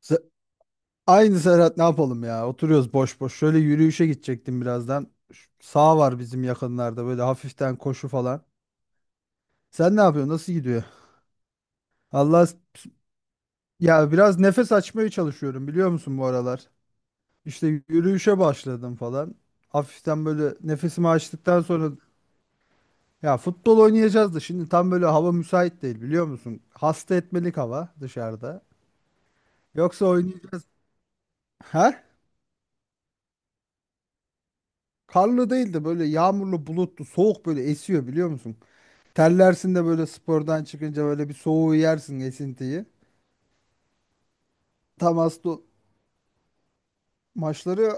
Se- Aynı Serhat ne yapalım ya? Oturuyoruz boş boş. Şöyle yürüyüşe gidecektim birazdan. Şu Sağ var bizim yakınlarda böyle hafiften koşu falan. Sen ne yapıyorsun? Nasıl gidiyor? Allah, ya biraz nefes açmaya çalışıyorum biliyor musun bu aralar? İşte yürüyüşe başladım falan. Hafiften böyle nefesimi açtıktan sonra ya futbol oynayacağız da şimdi tam böyle hava müsait değil biliyor musun? Hasta etmelik hava dışarıda. Yoksa oynayacağız. Ha? Karlı değil de böyle yağmurlu bulutlu soğuk böyle esiyor biliyor musun? Terlersin de böyle spordan çıkınca böyle bir soğuğu yersin esintiyi. Tam aslında maçları.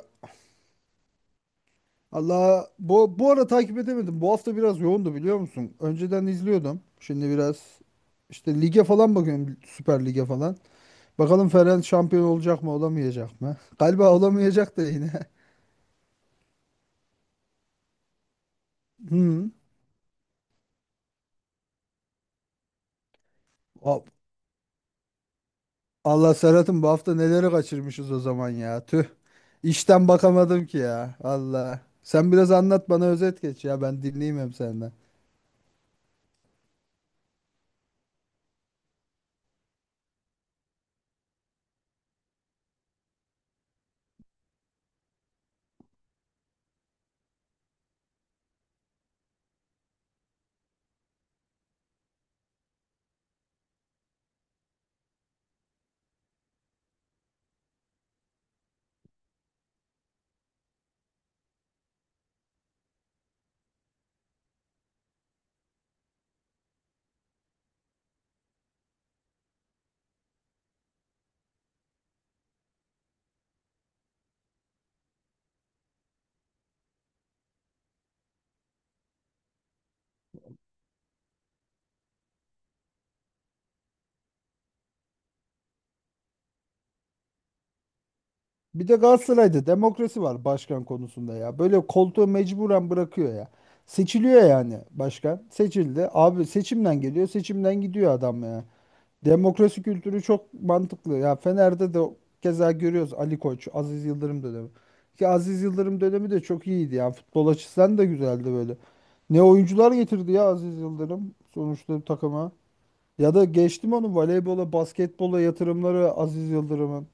Allah, bu ara takip edemedim. Bu hafta biraz yoğundu biliyor musun? Önceden izliyordum. Şimdi biraz işte lige falan bakıyorum, Süper Lig'e falan. Bakalım Ferenc şampiyon olacak mı olamayacak mı? Galiba olamayacak da yine. Hı. A- Allah Serhat'ım, bu hafta neleri kaçırmışız o zaman ya. Tüh. İşten bakamadım ki ya. Allah. Sen biraz anlat bana, özet geç ya, ben dinleyeyim hem senden. Bir de Galatasaray'da demokrasi var başkan konusunda ya. Böyle koltuğu mecburen bırakıyor ya. Seçiliyor yani başkan. Seçildi. Abi seçimden geliyor, seçimden gidiyor adam ya. Demokrasi kültürü çok mantıklı. Ya Fener'de de keza görüyoruz, Ali Koç, Aziz Yıldırım dönemi. Ki Aziz Yıldırım dönemi de çok iyiydi, yani futbol açısından da güzeldi böyle. Ne oyuncular getirdi ya Aziz Yıldırım sonuçta takıma. Ya da geçtim onu, voleybola, basketbola yatırımları Aziz Yıldırım'ın.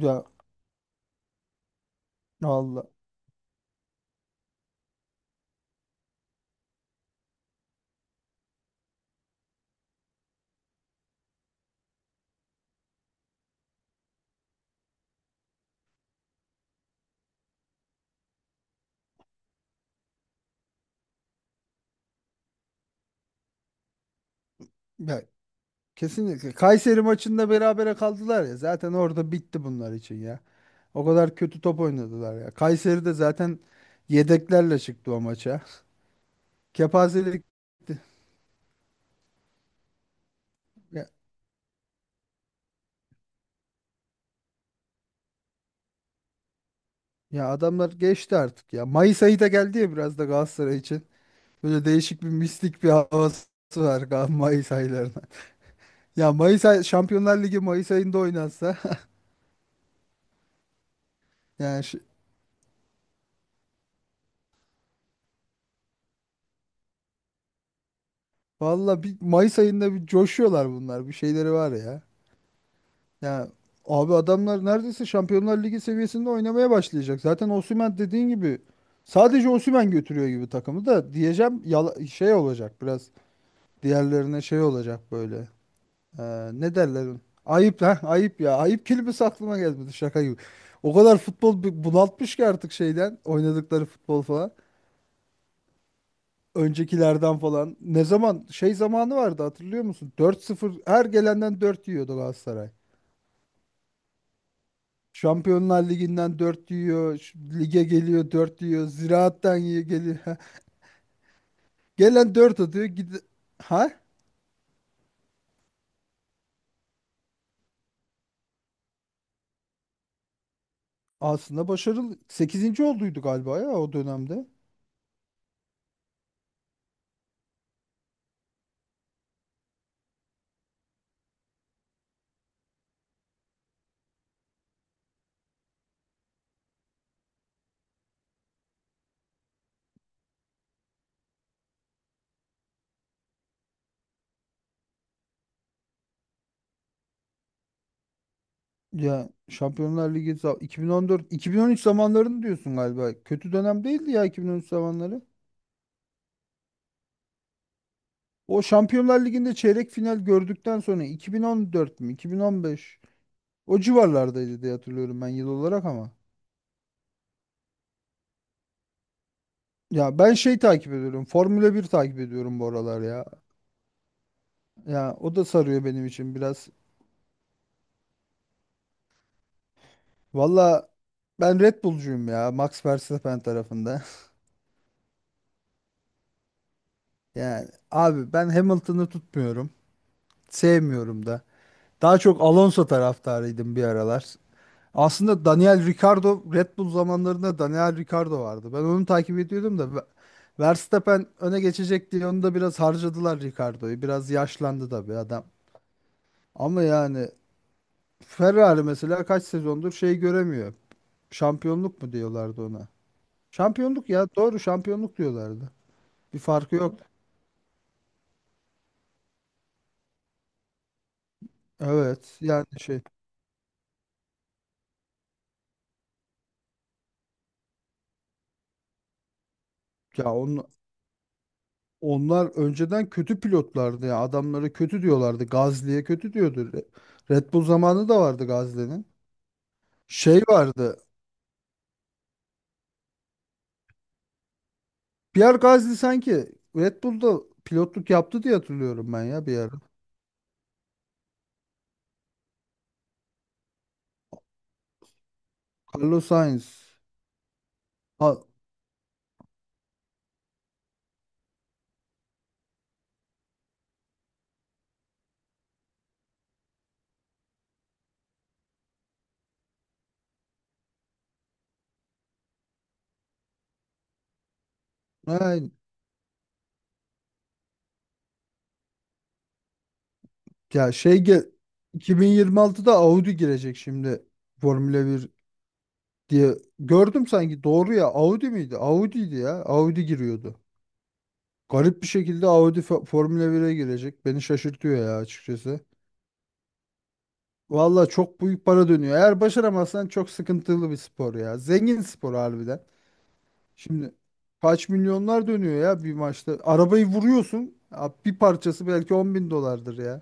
Ya Allah. ya Kesinlikle. Kayseri maçında berabere kaldılar ya. Zaten orada bitti bunlar için ya. O kadar kötü top oynadılar ya. Kayseri de zaten yedeklerle çıktı o maça. Kepazelik ya. Ya adamlar geçti artık ya. Mayıs ayı da geldi ya biraz da Galatasaray için. Böyle değişik bir mistik bir havası var Mayıs aylarına. Ya Mayıs ay Şampiyonlar Ligi Mayıs ayında oynansa yani valla bir Mayıs ayında bir coşuyorlar bunlar. Bir şeyleri var ya. Ya abi, adamlar neredeyse Şampiyonlar Ligi seviyesinde oynamaya başlayacak. Zaten Osimhen dediğin gibi, sadece Osimhen götürüyor gibi takımı da diyeceğim, şey olacak biraz, diğerlerine şey olacak böyle. Ne derler? Ayıp ha, ayıp ya. Ayıp kelimesi aklıma gelmedi, şaka gibi. O kadar futbol bunaltmış ki artık, şeyden oynadıkları futbol falan. Öncekilerden falan. Ne zaman şey zamanı vardı hatırlıyor musun? Dört sıfır, her gelenden 4 yiyordu Galatasaray. Şampiyonlar Ligi'nden 4 yiyor. Şu Lige geliyor 4 yiyor. Ziraattan yiyor geliyor. Gelen 4 atıyor. Gide... Ha? Aslında başarılı. Sekizinci olduydu galiba ya o dönemde. Ya Şampiyonlar Ligi 2014 2013 zamanlarını diyorsun galiba. Kötü dönem değildi ya 2013 zamanları. O Şampiyonlar Ligi'nde çeyrek final gördükten sonra 2014 mü 2015, o civarlardaydı diye hatırlıyorum ben yıl olarak ama. Ya ben şey takip ediyorum, Formula bir takip ediyorum bu aralar ya. Ya o da sarıyor benim için biraz. Valla ben Red Bull'cuyum ya, Max Verstappen tarafında. Yani abi ben Hamilton'ı tutmuyorum. Sevmiyorum da. Daha çok Alonso taraftarıydım bir aralar. Aslında Daniel Ricciardo, Red Bull zamanlarında Daniel Ricciardo vardı. Ben onu takip ediyordum da Verstappen öne geçecek diye onu da biraz harcadılar Ricciardo'yu. Biraz yaşlandı da bir adam. Ama yani Ferrari mesela kaç sezondur şey göremiyor. Şampiyonluk mu diyorlardı ona. Şampiyonluk ya, doğru, şampiyonluk diyorlardı. Bir farkı yok. Evet yani şey, ya on, onlar önceden kötü pilotlardı ya, adamları kötü diyorlardı. Gazli'ye kötü diyordu. Red Bull zamanı da vardı Gazli'nin. Şey vardı. Pierre Gasly sanki Red Bull'da pilotluk yaptı diye hatırlıyorum ben ya bir ara. Carlos Sainz. Ha. Ha. Ya şey gel 2026'da Audi girecek şimdi, Formula bir. Diye gördüm sanki, doğru ya, Audi miydi? Audi'ydi ya. Audi giriyordu. Garip bir şekilde Audi Formula 1'e girecek. Beni şaşırtıyor ya açıkçası. Valla çok büyük para dönüyor. Eğer başaramazsan çok sıkıntılı bir spor ya. Zengin spor harbiden. Şimdi kaç milyonlar dönüyor ya bir maçta. Arabayı vuruyorsun. Ya, bir parçası belki 10.000 dolardır ya.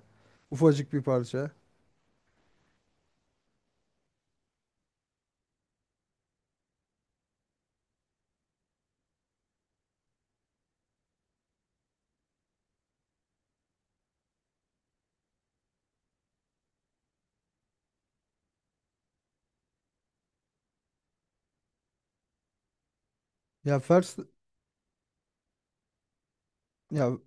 Ufacık bir parça. Ya Fers ya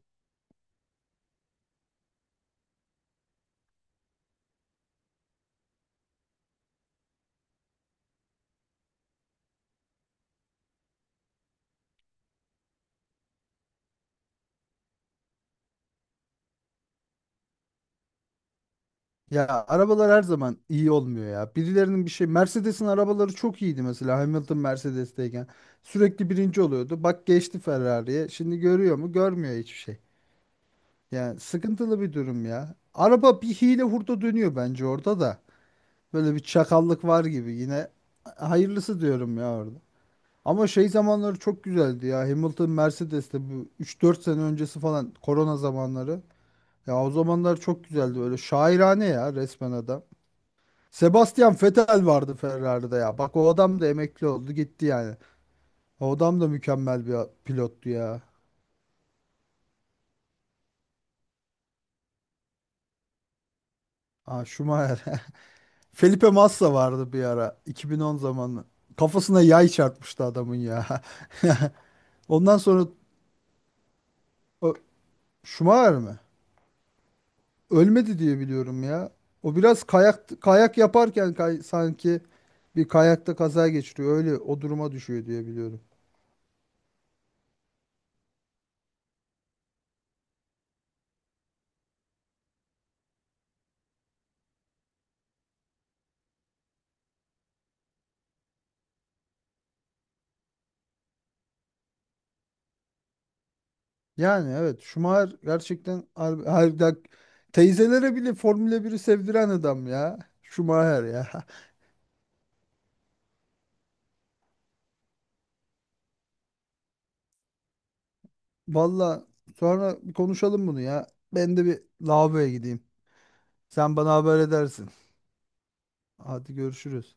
Ya arabalar her zaman iyi olmuyor ya. Birilerinin bir şey, Mercedes'in arabaları çok iyiydi mesela Hamilton Mercedes'teyken. Sürekli birinci oluyordu. Bak geçti Ferrari'ye. Şimdi görüyor mu? Görmüyor hiçbir şey. Yani sıkıntılı bir durum ya. Araba bir hile hurda dönüyor bence orada da. Böyle bir çakallık var gibi yine. Hayırlısı diyorum ya orada. Ama şey zamanları çok güzeldi ya, Hamilton Mercedes'te, bu üç dört sene öncesi falan, korona zamanları. Ya o zamanlar çok güzeldi, böyle şairane ya resmen adam. Sebastian Vettel vardı Ferrari'de ya. Bak o adam da emekli oldu gitti yani. O adam da mükemmel bir pilottu ya. Ha, Schumacher. Felipe Massa vardı bir ara, 2010 zamanı. Kafasına yay çarpmıştı adamın ya. Ondan sonra o, Schumacher mi? Ölmedi diye biliyorum ya. O biraz kayak, yaparken sanki bir kayakta kaza geçiriyor. Öyle o duruma düşüyor diye biliyorum. Yani evet, Schumacher gerçekten harbiden teyzelere bile Formula biri sevdiren adam ya, Schumacher ya. Valla sonra bir konuşalım bunu ya. Ben de bir lavaboya gideyim. Sen bana haber edersin. Hadi görüşürüz.